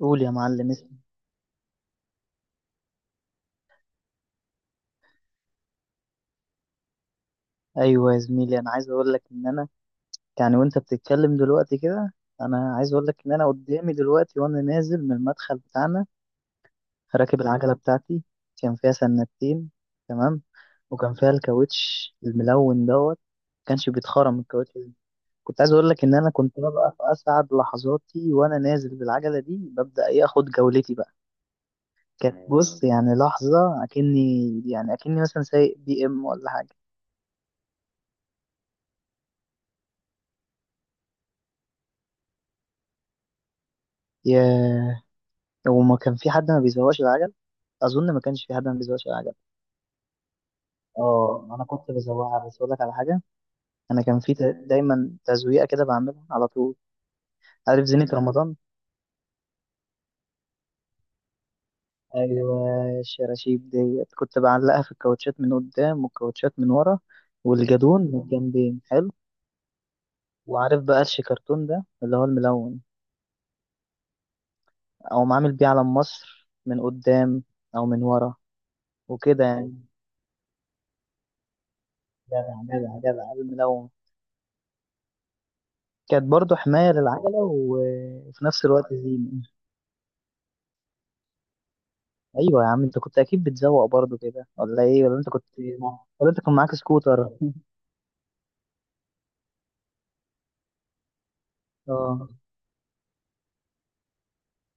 قول يا معلم اسمي. ايوه يا زميلي، انا عايز اقول لك ان انا، يعني وانت بتتكلم دلوقتي كده، انا عايز اقول لك ان انا قدامي دلوقتي وانا نازل من المدخل بتاعنا، راكب العجله بتاعتي. كان فيها سنتين. تمام. وكان فيها الكاوتش الملون دوت، ما كانش بيتخرم الكاوتش ده. كنت عايز اقول لك ان انا كنت ببقى في اسعد لحظاتي وانا نازل بالعجله دي، ببدا ايه، اخد جولتي بقى. كانت بص، يعني لحظه اكني، يعني اكني مثلا سايق بي ام ولا حاجه. ياه، هو ما كان في حد ما بيزوقش العجل. اظن ما كانش في حد ما بيزوقش العجل. اه، انا كنت بزوقها بس اقول لك على حاجه. انا كان في دايما تزويقه كده بعملها على طول. عارف زينة رمضان؟ ايوه، الشراشيب ديت كنت بعلقها في الكاوتشات من قدام والكاوتشات من ورا، والجدون من الجنبين حلو. وعارف بقى الشيكرتون ده اللي هو الملون؟ او عامل بيه علم مصر من قدام، او من ورا، وكده يعني. جدع جدع جدع الملون، كانت برضه حماية للعجلة وفي نفس الوقت زينة. أيوة يا عم، أنت كنت أكيد بتزوق برضه كده ولا إيه؟ ولا أنت كنت ولا أنت كان معاك سكوتر؟ أه.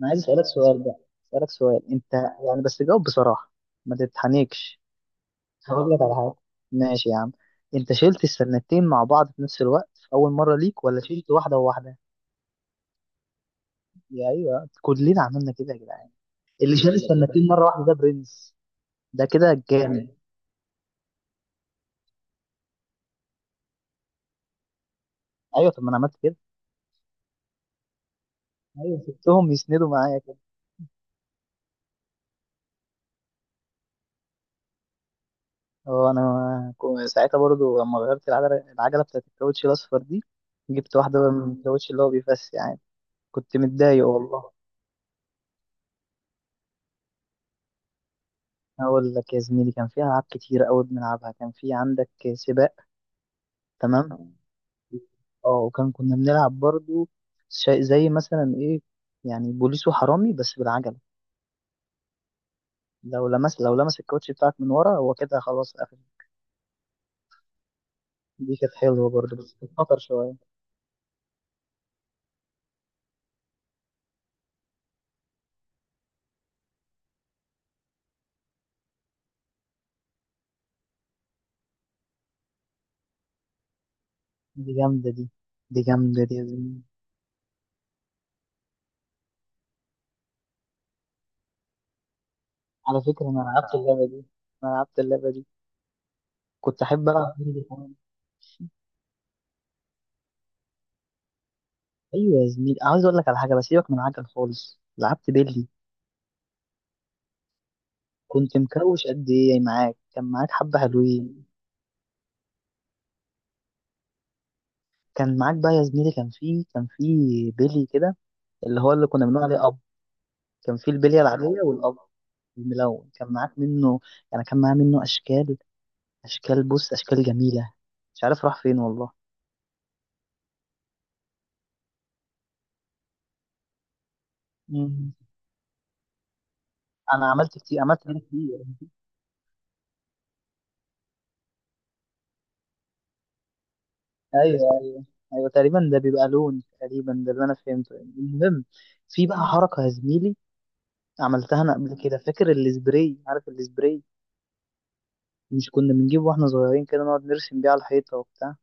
أنا عايز أسألك سؤال بقى. أسألك سؤال، أنت يعني بس جاوب بصراحة، ما تتحنكش. هقول لك على حاجة. ماشي يا عم، أنت شلت السنتين مع بعض في نفس الوقت في أول مرة ليك ولا شلت واحدة وواحدة؟ يا أيوة كلنا عملنا كده يا جدعان. اللي شال السنتين مرة واحدة ده برنس. ده كده جامد. أيوة طب ما أنا عملت كده. أيوة، سبتهم يسندوا معايا. اه، انا ساعتها برضو لما غيرت العجله، العجله بتاعت الكاوتش الاصفر دي، جبت واحده بقى من الكاوتش اللي هو بيفس يعني. كنت متضايق والله. اقول لك يا زميلي، كان فيها العاب كتير قوي بنلعبها. كان في عندك سباق. تمام. اه، وكان كنا بنلعب برضو شيء زي مثلا ايه، يعني بوليس وحرامي بس بالعجله. لو لمس، لو لمس الكاوتش بتاعك من ورا، هو كده خلاص قفل. دي كانت حلوه برضو بس كانت خطر شويه. دي جامده دي. دي جامده دي يا زميلي. على فكرة أنا لعبت اللعبة دي. أنا لعبت اللعبة دي. كنت أحب ألعب بيلي كمان. أيوة يا زميلي، عاوز أقول لك على حاجة، بس سيبك من عجل خالص، لعبت بيلي. كنت مكوش قد إيه معاك؟ كان معاك حبة حلوين. كان معاك بقى يا زميلي، كان في بيلي كده، اللي هو اللي كنا بنقول عليه أب. كان في البلية العادية والأب الملون. كان معاك منه، يعني كان معاه منه أشكال، أشكال، بص، أشكال جميلة. مش عارف راح فين والله. مم. أنا عملت كتير، عملت كتير. ايوه، ايوه، ايوه، تقريبا ده بيبقى لون، تقريبا ده اللي انا فهمته المهم. في بقى حركه يا زميلي عملتها انا قبل كده. فاكر السبراي؟ عارف السبراي؟ مش كنا بنجيبه واحنا صغيرين كده نقعد نرسم بيه على الحيطه وبتاع،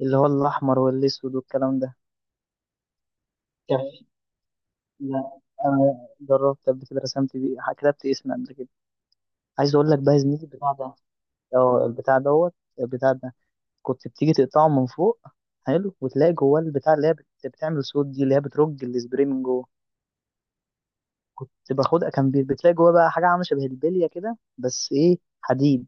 اللي هو الاحمر والاسود والكلام ده. كان في- لا، انا جربت قبل كده، رسمت بيه، كتبت اسمي قبل كده. عايز اقول لك بقى يا زميلي البتاع ده، اه، البتاع دوت، البتاع ده كنت بتيجي تقطعه من فوق، حلو، وتلاقي جواه البتاع اللي هي بتعمل صوت، دي اللي هي بترج السبراي من جوه. كنت باخدها، كان بتلاقي جواه بقى حاجه عامله شبه البليه كده بس ايه، حديد.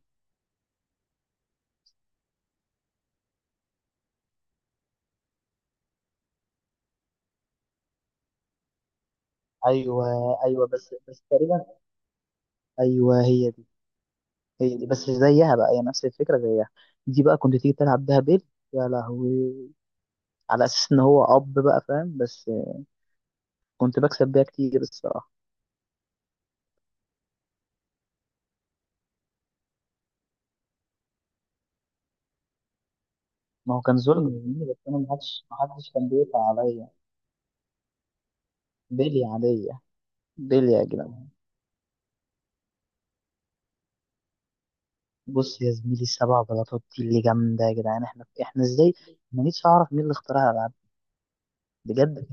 ايوه، ايوه، بس تقريبا. ايوه، هي دي، هي دي. بس زيها بقى، هي نفس الفكره زيها. دي بقى كنت تيجي تلعب بيها بيل. يا لهوي. على اساس ان هو اب بقى فاهم، بس كنت بكسب بيها كتير الصراحه. ما هو كان ظلم مني، بس انا ما حدش كان بيقطع عليا بيلي عاديه. بيلي يا جدعان. بص يا زميلي، السبع بلاطات دي اللي جامده يا جدعان. احنا ازاي ما نيتش اعرف مين اللي اخترعها. بجد.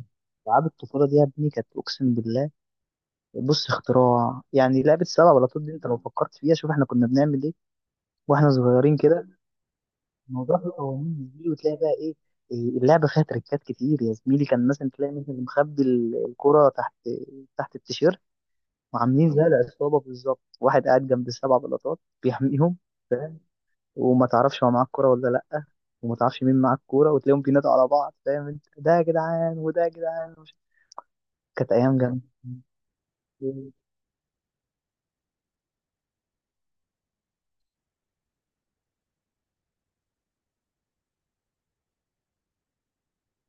العاب الطفوله دي يا ابني كانت اقسم بالله. بص، اختراع يعني، لعبه سبع بلاطات دي انت لو فكرت فيها، شوف احنا كنا بنعمل ايه واحنا صغيرين كده. الموضوع فيه قوانين مش دي، وتلاقي بقى ايه. إيه، اللعبه فيها تريكات كتير يا زميلي. كان مثلا تلاقي مثلا مخبي الكره تحت، تحت التيشيرت، وعاملين زي العصابه بالظبط، واحد قاعد جنب السبع بلاطات بيحميهم، وما تعرفش هو معاه الكوره ولا لا، وما تعرفش مين معاه الكوره، وتلاقيهم بينادوا على بعض فاهم انت، ده يا جدعان وده يا جدعان كانت ايام جامده.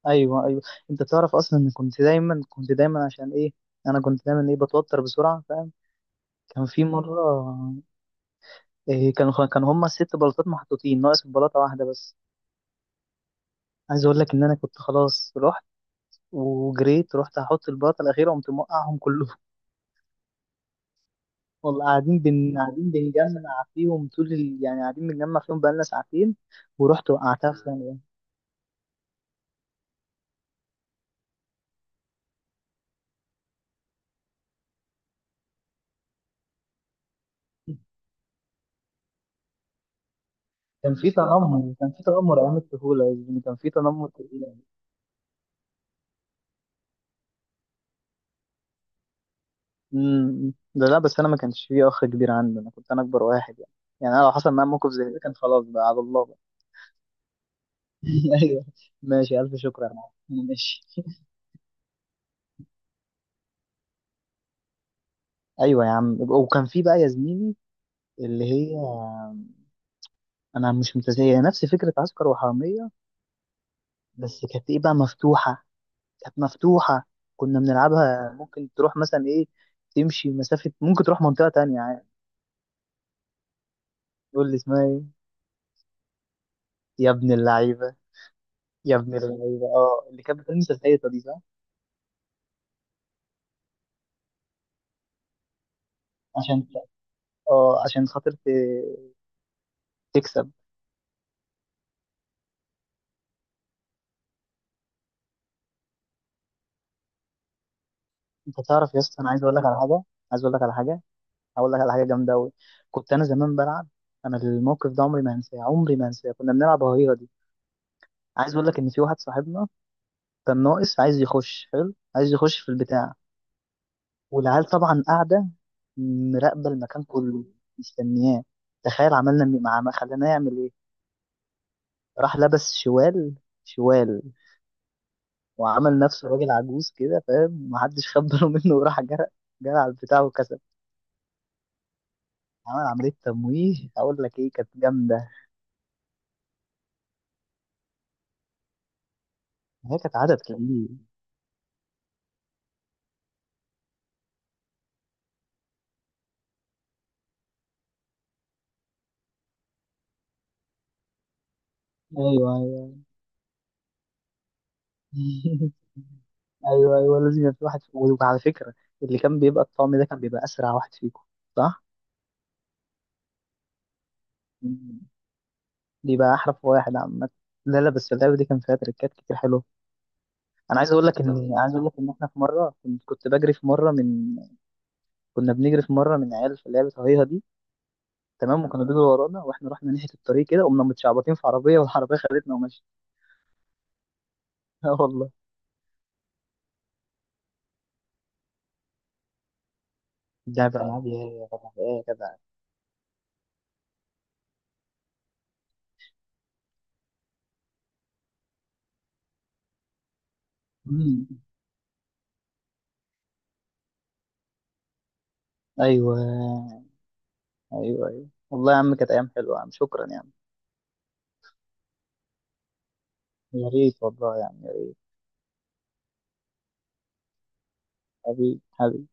ايوه، ايوه، انت تعرف اصلا ان كنت دايما عشان ايه؟ انا كنت دايما ايه، بتوتر بسرعه فاهم. كان في مره، إيه، كان هما ست بلاطات محطوطين، ناقص بلاطه واحده بس. عايز اقول لك ان انا كنت خلاص، رحت وجريت، رحت احط البلاطه الاخيره، قمت موقعهم كلهم. والله قاعدين قاعدين بنجمع فيهم طول يعني قاعدين بنجمع فيهم بقالنا ساعتين، ورحت وقعتها في ثانيه. كان في تنمر، كان في تنمر ايام الطفوله، يعني كان في تنمر كتير. امم، ده لا، بس انا ما كانش فيه اخ كبير عندي، انا كنت انا اكبر واحد يعني. يعني انا لو حصل معايا موقف زي ده، كان خلاص بقى على الله بقى. ايوه. ماشي، الف شكر يا معلم، أنا ماشي. ايوه يا عم، وكان في بقى يا زميلي اللي هي، انا مش متزايه نفس فكره عسكر وحراميه، بس كانت ايه بقى، مفتوحه، كانت مفتوحه. كنا بنلعبها ممكن تروح مثلا ايه، تمشي مسافه، ممكن تروح منطقه تانية يعني. تقول لي اسمها ايه؟ يا ابن اللعيبه. يا ابن اللعيبه، اه، اللي كانت بتلمس الحيطه دي، صح؟ عشان، اه، عشان خاطر تكسب. انت تعرف يا اسطى، انا عايز اقول لك على حاجه، عايز اقول لك على حاجه. هقول لك على حاجه جامده قوي. كنت انا زمان بلعب، انا الموقف ده عمري ما هنساه، عمري ما هنساه. كنا بنلعب هريره دي. عايز اقول لك ان في واحد صاحبنا كان ناقص، عايز يخش حلو، عايز يخش في البتاع. والعيال طبعا قاعده مراقبه المكان كله، مستنياه. تخيل عملنا مع، خلينا يعمل ايه. راح لبس شوال، شوال، وعمل نفسه راجل عجوز كده فاهم، محدش خد باله منه، وراح جرى. جرى على البتاع وكسب. عمل عملية تمويه، أقول لك إيه كانت جامدة. هي كانت عدد كبير. أيوه، أيوه. أيوه، أيوه، لازم يبقى في واحد. وعلى فكرة، اللي كان بيبقى الطعم ده كان بيبقى أسرع واحد فيكم، صح؟ مم. بيبقى أحرف واحد عامة. لا، لا، بس اللعبة دي كان فيها تريكات كتير حلوة. أنا عايز أقول لك إن، عايز أقول لك إن إحنا في مرة، كنت بجري في مرة من، كنا بنجري في مرة من عيال في لعبة هيها دي. تمام. وكانوا بيجروا ورانا، وإحنا رحنا ناحية الطريق كده، قمنا متشعبطين في عربية والعربية خدتنا ومشيت. آه والله. لعبة ألعاب يا جدع إيه يا جدع. مم. ايوه، ايوه، ايوه والله يا عم، كانت ايام حلوه يا عم، شكرا يا عم. يا ريت والله يا عم، يا ريت. حبيبي، حبيبي.